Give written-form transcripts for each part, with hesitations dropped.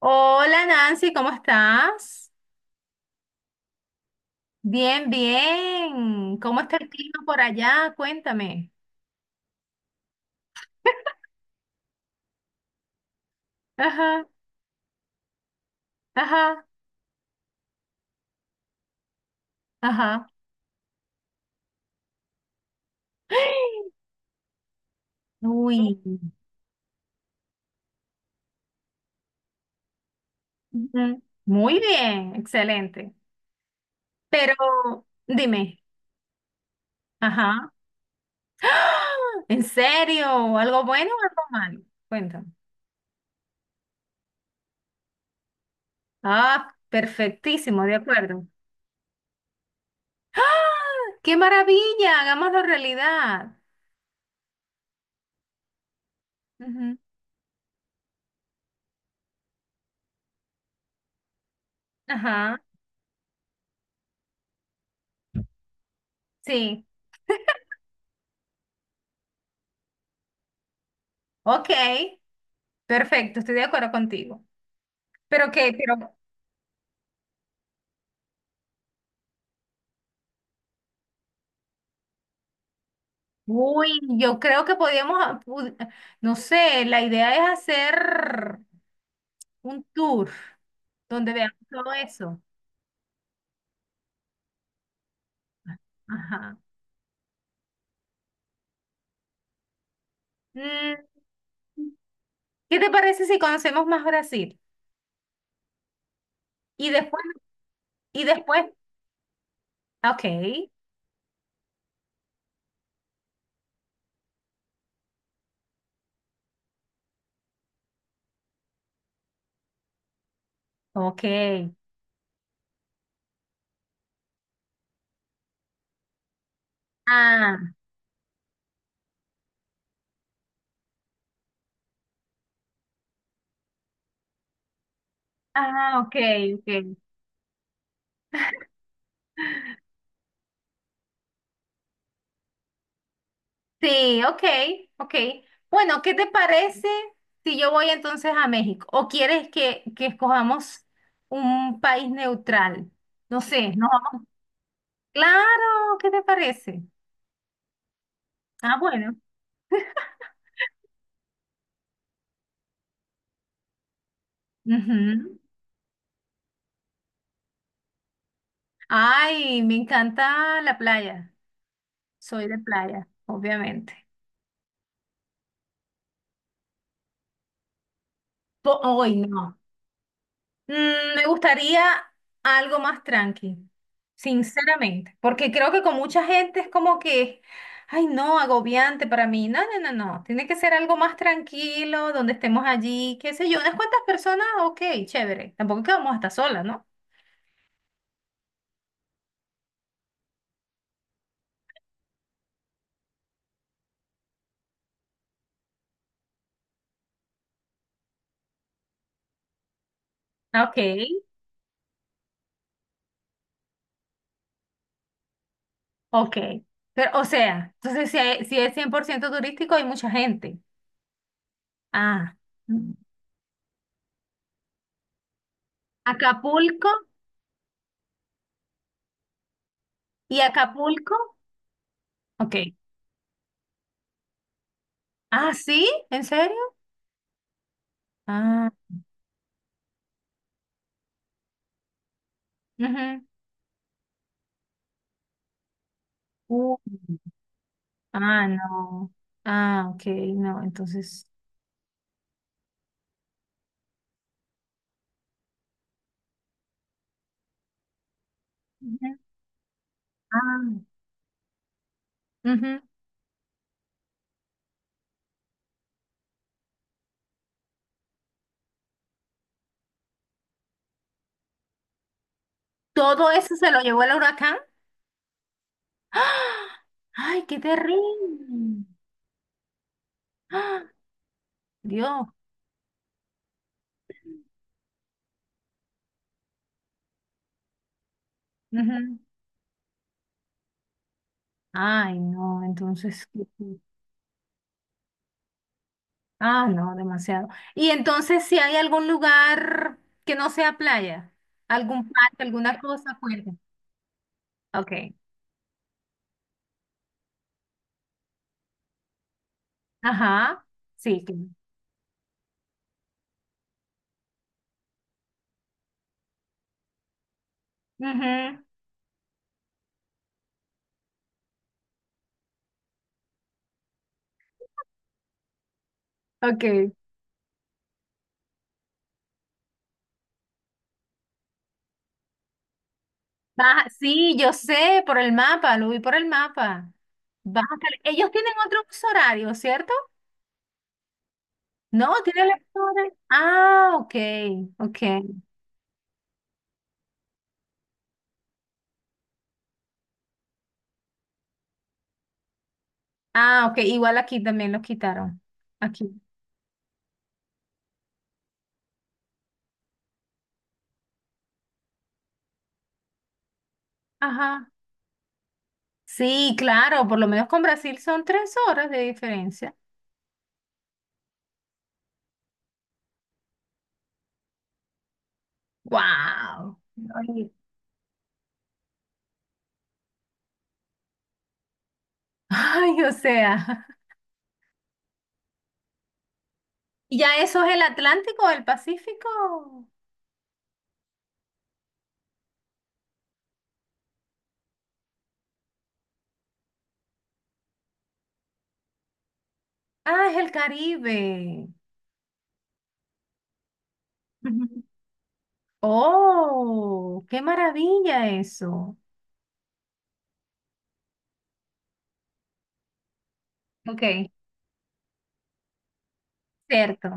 Hola, Nancy, ¿cómo estás? Bien, bien. ¿Cómo está el clima por allá? Cuéntame. Ajá, ajá, ajá. Uy. Ujú. Muy bien, excelente. Pero dime, ajá. ¡Ah! ¿En serio? ¿Algo bueno o algo malo? Cuéntame. Ah, perfectísimo, de acuerdo. ¡Ah! ¡Qué maravilla! Hagámoslo realidad. Ujú, ajá, sí. Ok, perfecto, estoy de acuerdo contigo. Pero, yo creo que podíamos, no sé, la idea es hacer un tour donde veamos todo eso. Ajá. Mm, ¿Qué te parece si conocemos más Brasil? Y después, y después, ok, ok. Ah, ah, ok, ok. Sí, ok, ok. Bueno, ¿qué te parece si yo voy entonces a México? ¿O quieres que escojamos un país neutral? No sé, nos vamos. Claro, ¿qué te parece? Ah, bueno. Ujú. Ay, me encanta la playa. Soy de playa, obviamente. Hoy no. Me gustaría algo más tranqui, sinceramente, porque creo que con mucha gente es como que, ay, no, agobiante para mí. No, no, no, no. Tiene que ser algo más tranquilo, donde estemos allí, qué sé yo, unas cuantas personas, ok, chévere. Tampoco es que vamos a estar solas, ¿no? Ok, ok. Pero, o sea, entonces si es 100% turístico, hay mucha gente. Ah, mm. Acapulco. Y Acapulco, ok. Ah, ¿sí? ¿En serio? Ah, ujú. Uh, ah, no. Ah, ok, no, entonces. Ujú. Ah, ujú. Todo eso se lo llevó el huracán. ¡Ah! ¡Ay, qué terrible! ¡Ah! Dios. Ujú. Ay, no, entonces. Ah, no, demasiado. Y entonces, si hay algún lugar que no sea playa, algún parque, alguna cosa, cuéntame. Ok. Ajá. Sí. Ujú. Ok. Baja, sí, yo sé, por el mapa, lo vi por el mapa. Ellos tienen otro uso horario, ¿cierto? No, tienen el uso horario. Ah, ok, ok. Ah, ok, igual aquí también los quitaron. Aquí. Ajá. Sí, claro, por lo menos con Brasil son 3 horas de diferencia. ¡Wow! Ay, o sea. ¿Y ya eso es el Atlántico o el Pacífico? Ah, es el Caribe. Oh, qué maravilla eso. Ok, cierto,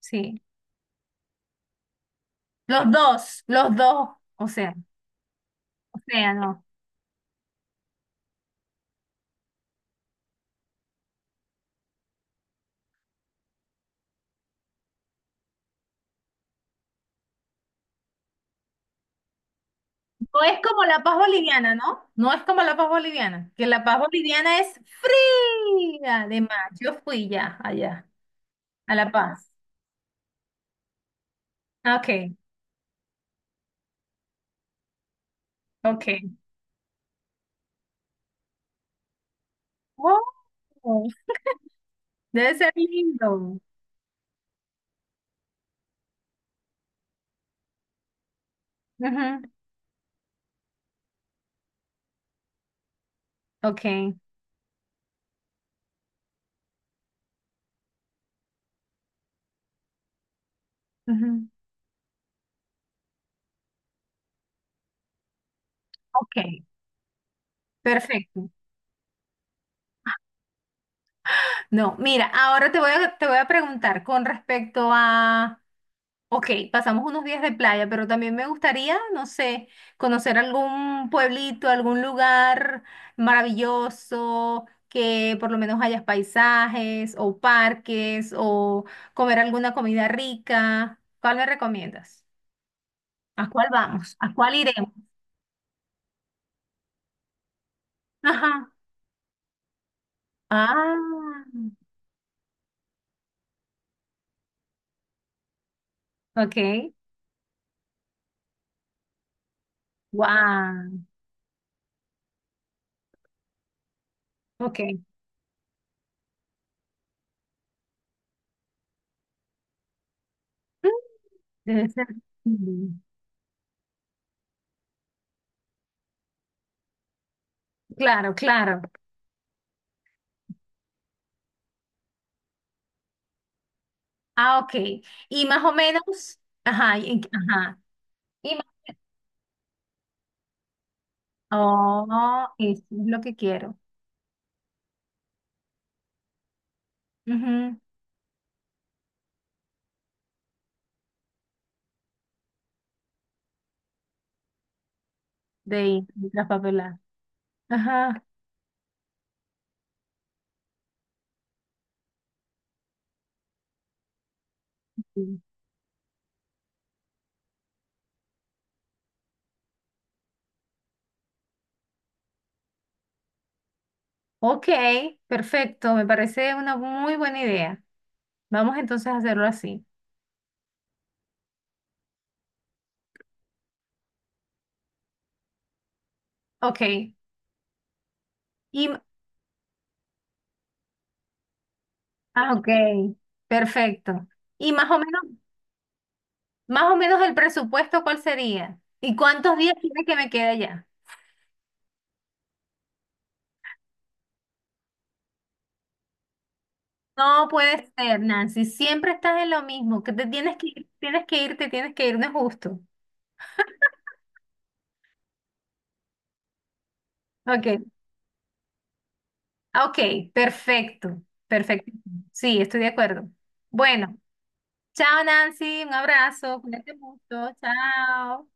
sí. Los dos, o sea, o sea, no. No es como la paz boliviana, ¿no? No es como la paz boliviana, que la paz boliviana es fría de mar. Yo fui ya allá, a La Paz. Ah, ok, ok. Oh, debe ser lindo. Ujú, ok, ujú, ok, perfecto. No, mira, ahora te voy a preguntar con respecto a, ok, pasamos unos días de playa, pero también me gustaría, no sé, conocer algún pueblito, algún lugar maravilloso, que por lo menos hayas paisajes o parques o comer alguna comida rica. ¿Cuál me recomiendas? ¿A cuál vamos? ¿A cuál iremos? Ajá. Ah, ok. Wow. Ok. Debe ser lindo. Claro, claro. Ah, ok. Y más o menos, ajá, y en, ajá. Y más, oh, eso es lo que quiero. Ujú, de ir, de traspapelar. Ajá, sí. Ok, perfecto. Me parece una muy buena idea. Vamos entonces a hacerlo así. Ok. Y, ah, ok. Perfecto. Y más o menos el presupuesto, ¿cuál sería? ¿Y cuántos días tiene que me quede ya? No puede ser, Nancy. Siempre estás en lo mismo. Que te tienes que ir, tienes que irte, tienes que ir, no es justo. Ok, ah, ok, perfecto, perfecto. Sí, estoy de acuerdo. Bueno, chao, Nancy. Un abrazo. Cuídate mucho. Chao.